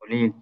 قوليلي.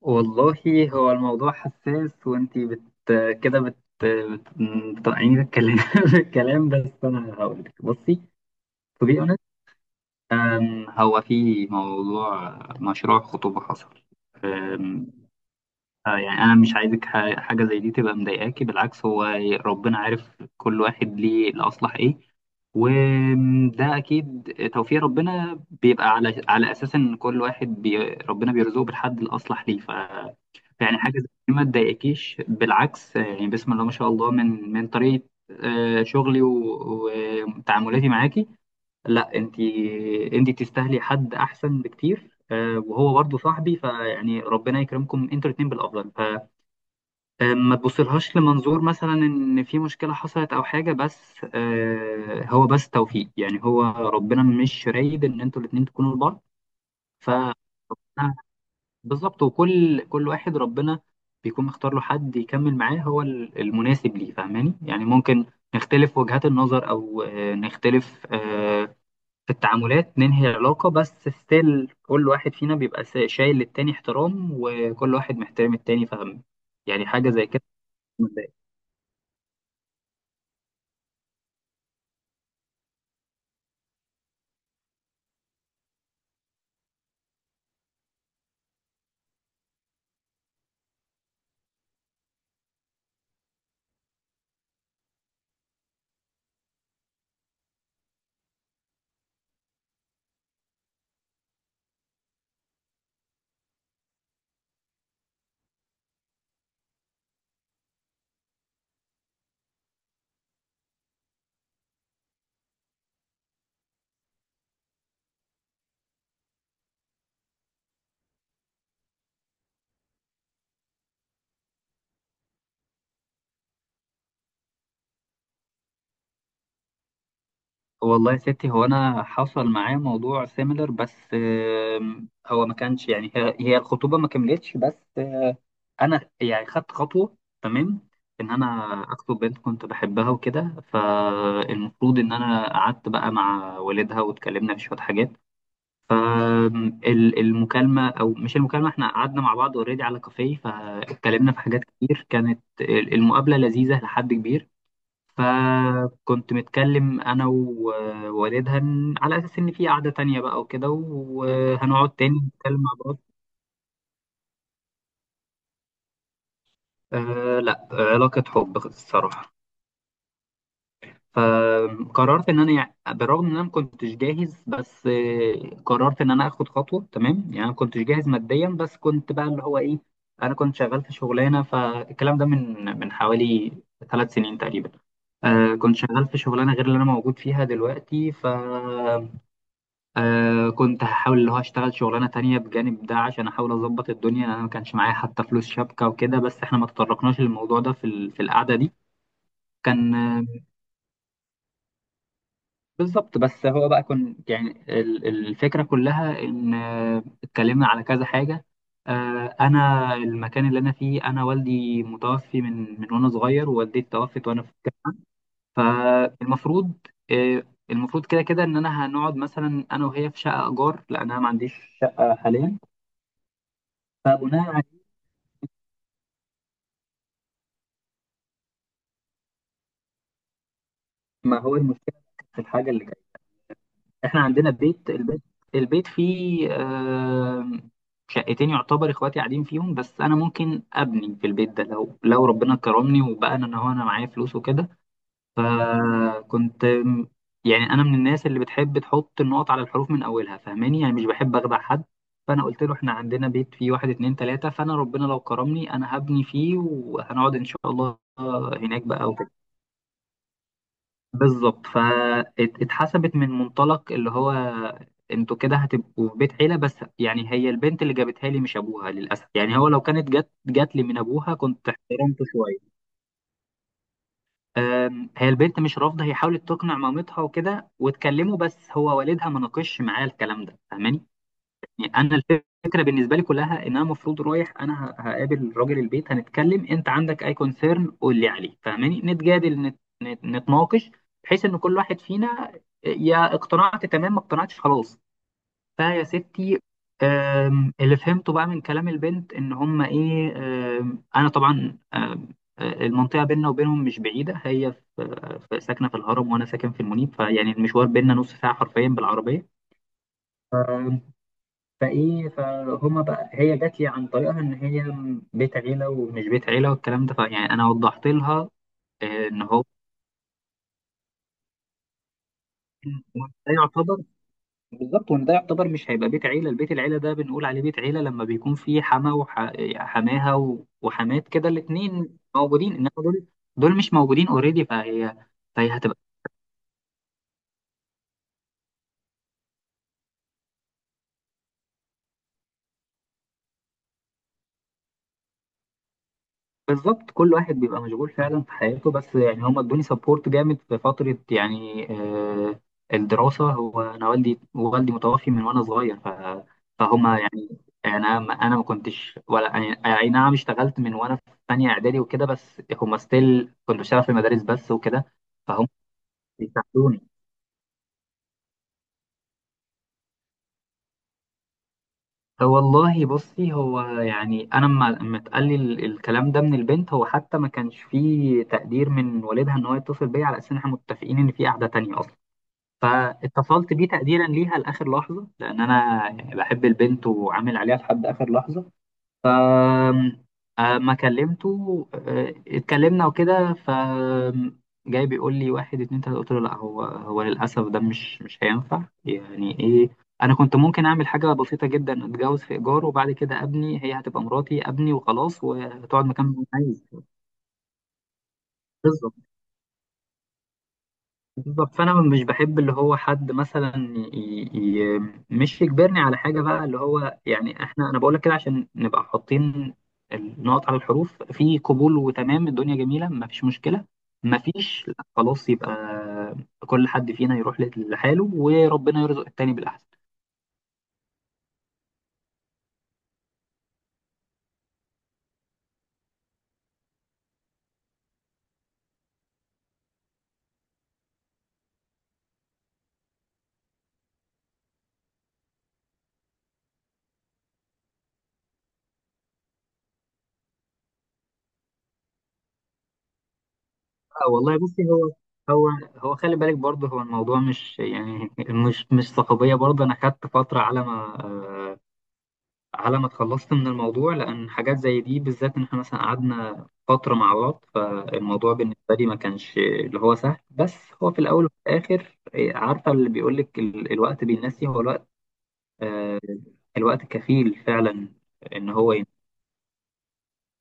والله، هو الموضوع حساس، وانتي بت كده بت بت- بتقطعيني بالكلام بالكلام، بس انا هقولك. بصي، to be honest، هو في موضوع مشروع خطوبة حصل. يعني انا مش عايزك حاجه زي دي تبقى مضايقاكي، بالعكس. هو ربنا عارف كل واحد ليه الاصلح ايه، وده اكيد توفيق ربنا، بيبقى على اساس ان كل واحد ربنا بيرزقه بالحد الاصلح ليه. يعني حاجه زي دي ما تضايقكيش، بالعكس. يعني بسم الله ما شاء الله، من طريقه، شغلي وتعاملاتي معاكي. لا، انت تستاهلي حد احسن بكتير، وهو برضه صاحبي، فيعني ربنا يكرمكم انتوا الاتنين بالافضل. فما تبصلهاش لمنظور مثلا ان في مشكله حصلت او حاجه، بس هو بس توفيق، يعني هو ربنا مش رايد ان انتوا الاتنين تكونوا لبعض. ف آه، بالظبط، وكل كل واحد ربنا بيكون مختار له حد يكمل معاه، هو المناسب ليه، فاهماني؟ يعني ممكن نختلف وجهات النظر، او نختلف في التعاملات، ننهي العلاقة، بس ستيل كل واحد فينا بيبقى شايل للتاني احترام، وكل واحد محترم التاني، فاهم؟ يعني حاجة زي كده مبدئية. والله يا ستي، هو أنا حصل معايا موضوع سيميلر، بس هو ما كانش، يعني هي الخطوبة ما كملتش، بس أنا يعني خدت خطوة، تمام، إن أنا أخطب بنت كنت بحبها وكده. فالمفروض إن أنا قعدت بقى مع والدها واتكلمنا في شوية حاجات. فالمكالمة، أو مش المكالمة، إحنا قعدنا مع بعض أوريدي على كافيه، فاتكلمنا في حاجات كتير، كانت المقابلة لذيذة لحد كبير. فكنت متكلم أنا ووالدها على أساس إن في قعدة تانية بقى وكده، وهنقعد تاني نتكلم مع بعض. أه لا، علاقة حب الصراحة. فقررت ان انا، يعني بالرغم ان انا ما كنتش جاهز، بس قررت ان انا اخد خطوه. تمام، يعني انا ما كنتش جاهز ماديا، بس كنت بقى اللي هو ايه، انا كنت شغال في شغلانه. فالكلام ده من حوالي 3 سنين تقريبا. كنت شغال في شغلانه غير اللي انا موجود فيها دلوقتي. ف آه كنت هحاول اللي هو اشتغل شغلانه تانية بجانب ده، عشان احاول اظبط الدنيا. انا ما كانش معايا حتى فلوس شبكه وكده، بس احنا ما تطرقناش للموضوع ده في القعده دي. كان بالظبط. بس هو بقى كان، يعني الفكرة كلها إن، اتكلمنا على كذا حاجة. أنا المكان اللي أنا فيه، أنا والدي متوفي من وأنا صغير، ووالدتي توفت وأنا في الجامعة. فالمفروض، آه، المفروض كده كده إن أنا هنقعد مثلا أنا وهي في شقة إيجار، لأن أنا ما عنديش شقة حاليا. فبناء على، ما هو المشكلة في الحاجة اللي احنا عندنا بيت. البيت فيه شقتين، يعتبر اخواتي قاعدين فيهم، بس انا ممكن ابني في البيت ده لو ربنا كرمني وبقى انا، هو انا معايا فلوس وكده. فكنت يعني انا من الناس اللي بتحب تحط النقط على الحروف من اولها، فاهماني؟ يعني مش بحب اخدع حد. فانا قلت له احنا عندنا بيت فيه واحد، اتنين، تلاتة، فانا ربنا لو كرمني انا هبني فيه وهنقعد ان شاء الله هناك بقى. بالظبط. فاتحسبت من منطلق اللي هو انتوا كده هتبقوا في بيت عيلة، بس يعني هي البنت اللي جابتها لي، مش ابوها، للاسف. يعني هو لو كانت جات لي من ابوها كنت احترمته شوية. هي البنت مش رافضة، هي حاولت تقنع مامتها وكده واتكلموا، بس هو والدها ما ناقشش معايا الكلام ده، فاهماني؟ يعني انا الفكره بالنسبه لي كلها ان انا المفروض رايح، انا هقابل راجل البيت، هنتكلم، انت عندك اي كونسيرن قول لي عليه، فاهماني؟ نتجادل، نتناقش، بحيث ان كل واحد فينا، يا اقتنعت تمام، ما اقتنعتش خلاص. فيا ستي، اللي فهمته بقى من كلام البنت ان هم ايه، انا طبعا آم، آه، المنطقه بيننا وبينهم مش بعيده، هي ساكنه في الهرم وانا ساكن في المنيب، فيعني المشوار بيننا نص ساعه حرفيا بالعربيه. فايه فهما بقى، هي جات لي عن طريقها ان هي بيت عيله ومش بيت عيله والكلام ده، فيعني انا وضحت لها ان هو، وإن ده يعتبر، بالظبط، وان ده يعتبر مش هيبقى بيت عيله. البيت العيله ده بنقول عليه بيت عيله لما بيكون فيه حما وحماها وحمات كده الاتنين موجودين، انما دول مش موجودين اوريدي. فهي هتبقى بالظبط، كل واحد بيبقى مشغول فعلا في حياته. بس يعني هم ادوني سبورت جامد في فترة، يعني الدراسة. هو أنا والدي متوفي من وأنا صغير. فهم يعني أنا، ما أنا ما كنتش، ولا يعني أي نعم، اشتغلت من وأنا في تانية إعدادي وكده، بس هم ستيل كنت بشتغل في المدارس بس وكده. فهم بيساعدوني. والله، بصي، هو يعني أنا لما اتقال لي الكلام ده من البنت، هو حتى ما كانش فيه تقدير من والدها إن هو يتصل بيا على أساس إن إحنا متفقين إن في قعدة تانية أصلا. فاتصلت بيه تقديرا ليها لاخر لحظه، لان انا يعني بحب البنت وعامل عليها لحد اخر لحظه. أم- اما كلمته اتكلمنا وكده. جاي بيقول لي واحد، اتنين، تلاته، قلت له لا، هو للاسف ده مش هينفع. يعني ايه، انا كنت ممكن اعمل حاجه بسيطه جدا، اتجوز في ايجار وبعد كده ابني، هي هتبقى مراتي، ابني وخلاص، وتقعد مكان ما أنا عايز. بالظبط، بالظبط. فانا مش بحب اللي هو حد مثلا ي... ي... مش يجبرني على حاجه بقى، اللي هو يعني، احنا انا بقول لك كده عشان نبقى حاطين النقط على الحروف. في قبول وتمام، الدنيا جميله ما فيش مشكله. ما فيش، لا، خلاص، يبقى كل حد فينا يروح لحاله، وربنا يرزق التاني بالاحسن. اه والله، بصي، هو هو خلي بالك برضه، هو الموضوع مش، يعني مش صحوبيه برضه، انا خدت فتره على ما اتخلصت من الموضوع، لأن حاجات زي دي بالذات، إن إحنا مثلا قعدنا فترة مع بعض، فالموضوع بالنسبة لي ما كانش اللي هو سهل. بس هو في الأول وفي الآخر، إيه، عارفة اللي بيقولك، الوقت بينسي، هو الوقت، آه، الوقت كفيل فعلا إن هو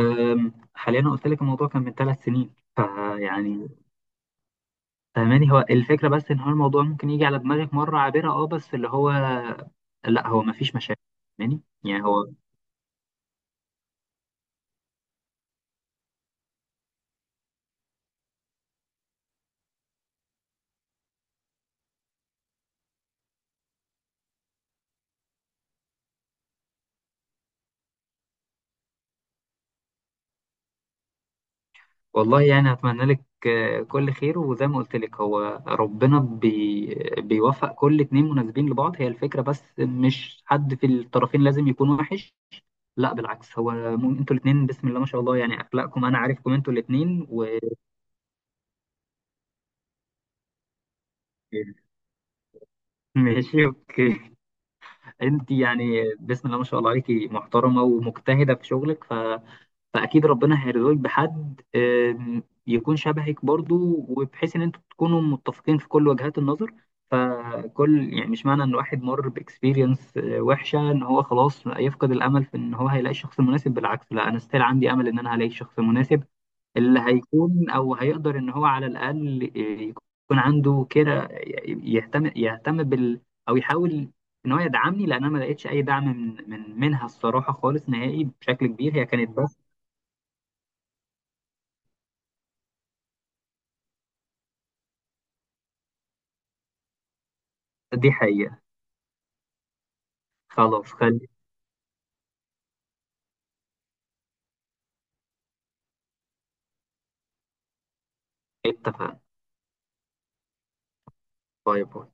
حاليا أنا قلت لك الموضوع كان من 3 سنين، فيعني فاهماني، هو الفكرة بس إن هو الموضوع ممكن يجي على دماغك مرة عابرة، أه، بس اللي هو لا، هو ما فيش مشاكل. فاهماني؟ يعني هو، والله، يعني أتمنى لك كل خير. وزي ما قلت لك، هو ربنا بيوفق كل اتنين مناسبين لبعض، هي الفكرة بس، مش حد في الطرفين لازم يكون وحش، لا بالعكس. هو انتوا الاتنين بسم الله ما شاء الله، يعني أخلاقكم أنا عارفكم انتوا الاتنين ماشي، اوكي. انت يعني بسم الله ما شاء الله عليكي، محترمة ومجتهدة في شغلك، فاكيد ربنا هيرزقك بحد يكون شبهك برضو، وبحيث ان انتوا تكونوا متفقين في كل وجهات النظر. فكل، يعني مش معنى ان واحد مر باكسبيرينس وحشه ان هو خلاص يفقد الامل في ان هو هيلاقي الشخص المناسب، بالعكس. لا، انا ستيل عندي امل ان انا هلاقي الشخص المناسب، اللي هيكون، او هيقدر ان هو على الاقل، يكون عنده كده، يهتم او يحاول ان هو يدعمني، لان انا ما لقيتش اي دعم من من منها الصراحه خالص نهائي بشكل كبير. هي كانت دي حقيقة. خلاص، اتفقنا. باي باي.